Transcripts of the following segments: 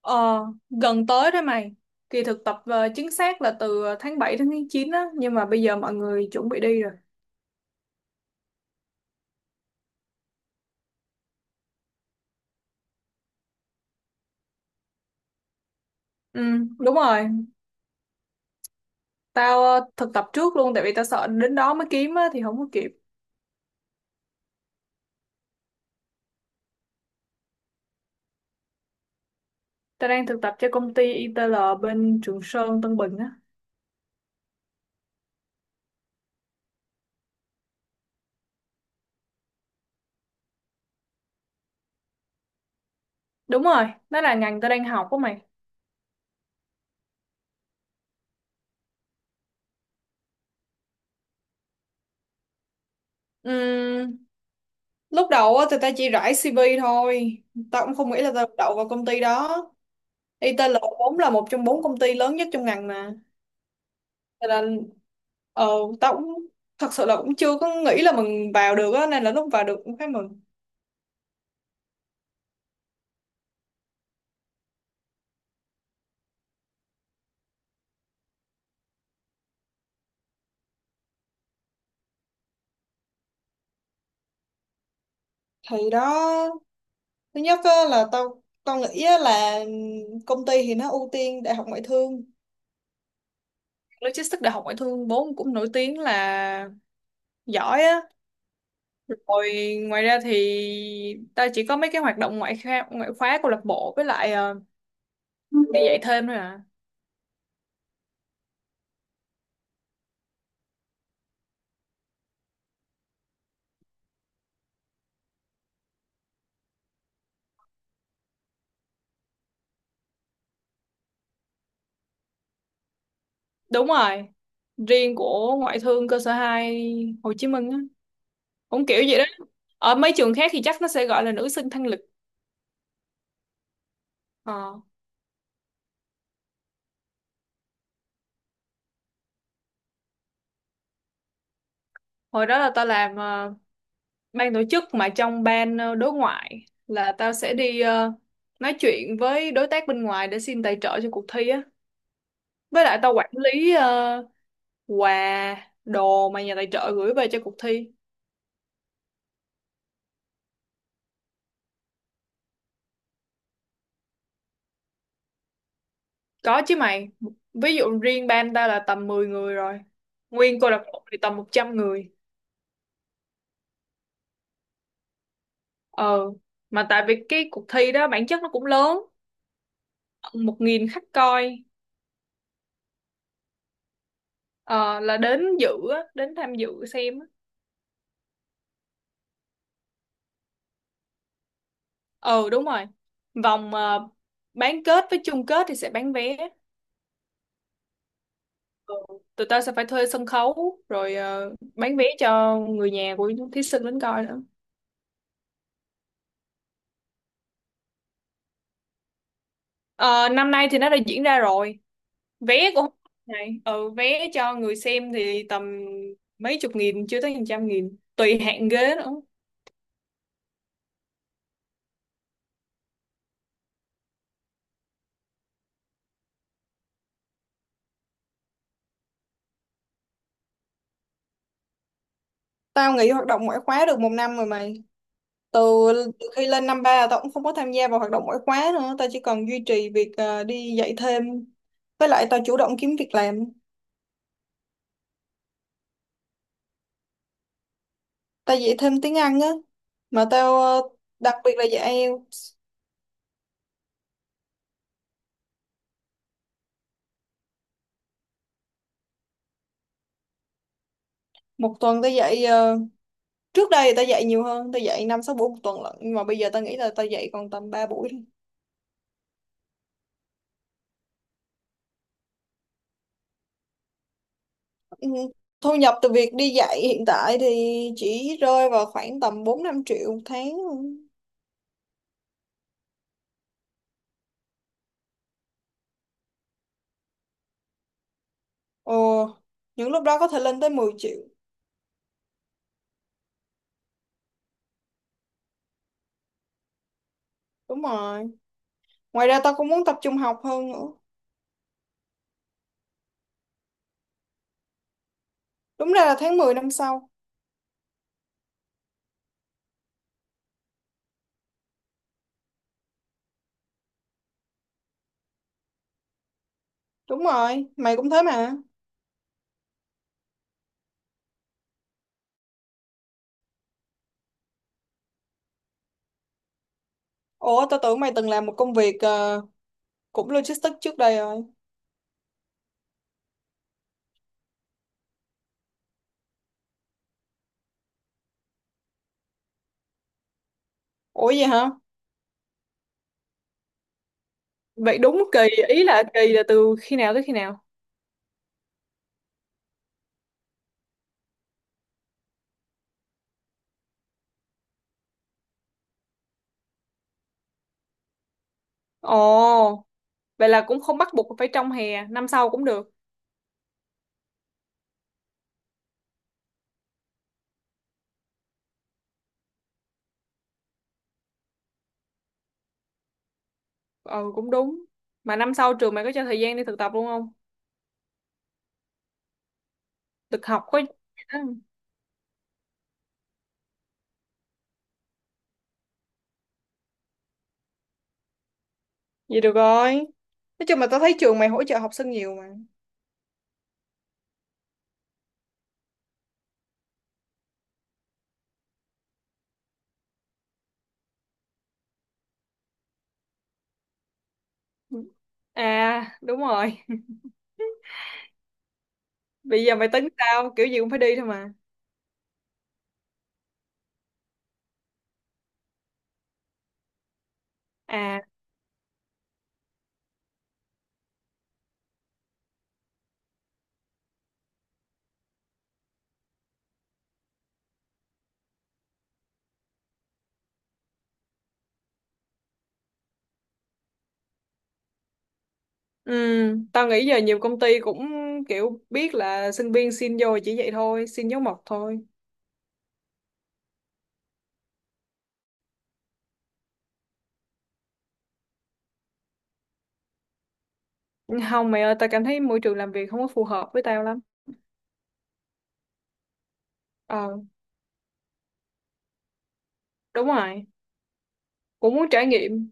Ờ, gần tới đó mày. Kỳ thực tập chính xác là từ tháng 7 đến tháng 9 á, nhưng mà bây giờ mọi người chuẩn bị đi rồi. Ừ, đúng rồi. Tao thực tập trước luôn tại vì tao sợ đến đó mới kiếm á thì không có kịp. Tao đang thực tập cho công ty ITL bên Trường Sơn, Tân Bình á. Đúng rồi, đó là ngành tao đang học á mày. Ừm, lúc đầu á thì tao chỉ rải CV thôi. Tao cũng không nghĩ là tao đậu vào công ty đó. ITL vốn là một trong bốn công ty lớn nhất trong ngành mà. Cho nên ờ, tao cũng thật sự là cũng chưa có nghĩ là mình vào được á nên là lúc vào được cũng khá mừng. Thì đó, thứ nhất á, là tao tao nghĩ á, là công ty thì nó ưu tiên đại học ngoại thương. Logistics đại học ngoại thương vốn cũng nổi tiếng là giỏi á. Rồi ngoài ra thì tao chỉ có mấy cái hoạt động ngoại khóa câu lạc bộ với lại đi dạy thêm thôi à. Đúng rồi, riêng của ngoại thương cơ sở 2 Hồ Chí Minh á. Cũng kiểu vậy đó, ở mấy trường khác thì chắc nó sẽ gọi là nữ sinh thanh lịch. Ờ, hồi đó là tao làm ban tổ chức, mà trong ban đối ngoại là tao sẽ đi nói chuyện với đối tác bên ngoài để xin tài trợ cho cuộc thi á. Với lại tao quản lý quà đồ mà nhà tài trợ gửi về cho cuộc thi. Có chứ mày. Ví dụ riêng ban tao là tầm 10 người rồi. Nguyên câu lạc bộ thì tầm 100 người. Ờ mà tại vì cái cuộc thi đó bản chất nó cũng lớn, 1.000 khách coi. Ờ, là đến dự á, đến tham dự xem á. Ừ đúng rồi, vòng bán kết với chung kết thì sẽ bán vé. Ừ. Tụi tao sẽ phải thuê sân khấu rồi bán vé cho người nhà của thí sinh đến coi nữa. Ờ, năm nay thì nó đã diễn ra rồi. Vé cũng này, vé cho người xem thì tầm mấy chục nghìn chưa tới hàng trăm nghìn tùy hạng ghế nữa. Tao nghỉ hoạt động ngoại khóa được một năm rồi mày. Từ từ khi lên năm ba là tao cũng không có tham gia vào hoạt động ngoại khóa nữa, tao chỉ còn duy trì việc đi dạy thêm với lại tao chủ động kiếm việc làm. Tao dạy thêm tiếng Anh á, mà tao đặc biệt là dạy IELTS. Một tuần tao dạy trước đây tao dạy nhiều hơn, tao dạy năm sáu buổi một tuần lận nhưng mà bây giờ tao nghĩ là tao dạy còn tầm ba buổi thôi. Ừ, thu nhập từ việc đi dạy hiện tại thì chỉ rơi vào khoảng tầm 4 5 triệu một tháng thôi. Ồ, những lúc đó có thể lên tới 10 triệu. Đúng rồi. Ngoài ra tao cũng muốn tập trung học hơn nữa. Đúng ra là tháng 10 năm sau. Đúng rồi, mày cũng thế mà. Ủa, tao tưởng mày từng làm một công việc cũng logistics trước đây rồi. Ủa vậy hả? Vậy đúng kỳ, ý là kỳ là từ khi nào tới khi nào? Ồ, vậy là cũng không bắt buộc phải trong hè, năm sau cũng được. Ừ, cũng đúng. Mà năm sau trường mày có cho thời gian đi thực tập luôn không? Thực học có... Vậy được rồi. Nói chung là tao thấy trường mày hỗ trợ học sinh nhiều mà. À, đúng rồi. Bây giờ mày tính sao? Kiểu gì cũng phải đi thôi mà. À, ừ, tao nghĩ giờ nhiều công ty cũng kiểu biết là sinh viên xin vô chỉ vậy thôi, xin dấu mộc thôi. Không mày ơi, tao cảm thấy môi trường làm việc không có phù hợp với tao lắm. Ờ, đúng rồi, cũng muốn trải nghiệm.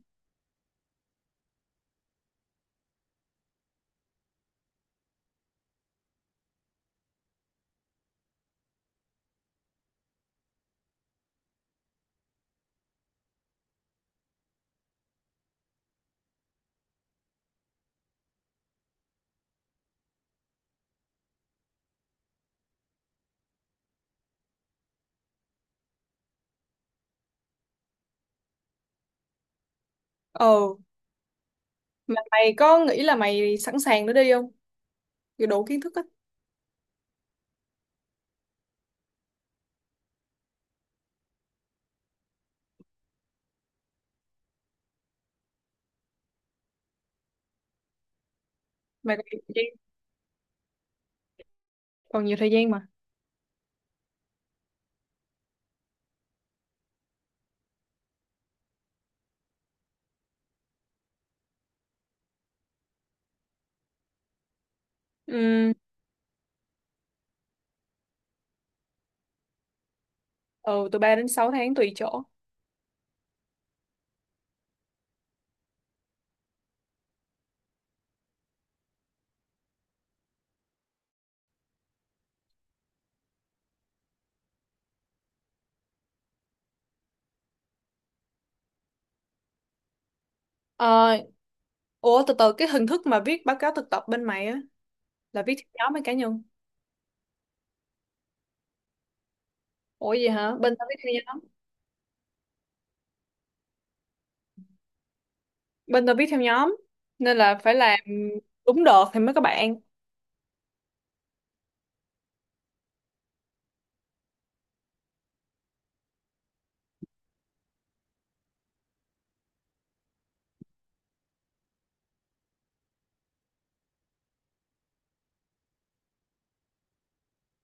Ờ, mà mày có nghĩ là mày sẵn sàng để đi không? Kiểu đủ kiến thức á, mày còn nhiều thời gian, còn nhiều thời gian mà. Ừ, ừ, từ ba đến sáu tháng tùy chỗ. Ờ, ủa từ từ cái hình thức mà viết báo cáo thực tập bên mày á, là viết theo nhóm hay cá nhân? Ủa gì hả? Bên tao viết theo nhóm. Bên tôi biết theo nhóm nên là phải làm đúng đợt thì mới có bạn.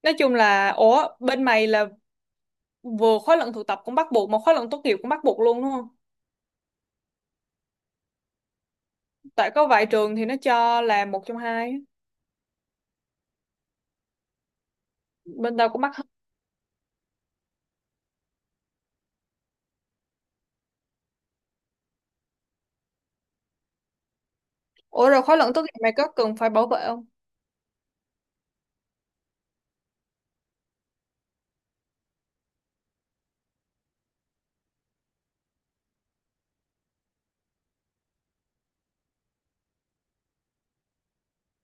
Nói chung là, ủa bên mày là vừa khóa luận thực tập cũng bắt buộc mà khóa luận tốt nghiệp cũng bắt buộc luôn đúng không? Tại có vài trường thì nó cho là một trong hai á. Bên tao cũng bắt hết. Ủa rồi khóa luận tốt nghiệp mày có cần phải bảo vệ không?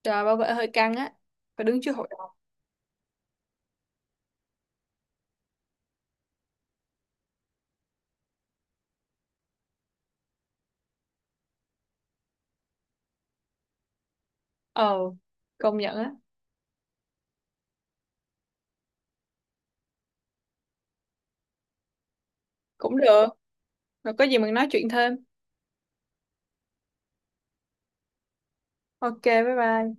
Trời bảo vệ hơi căng á, phải đứng trước hội đồng. Ờ, công nhận á. Cũng được rồi, có gì mình nói chuyện thêm. Ok, bye bye.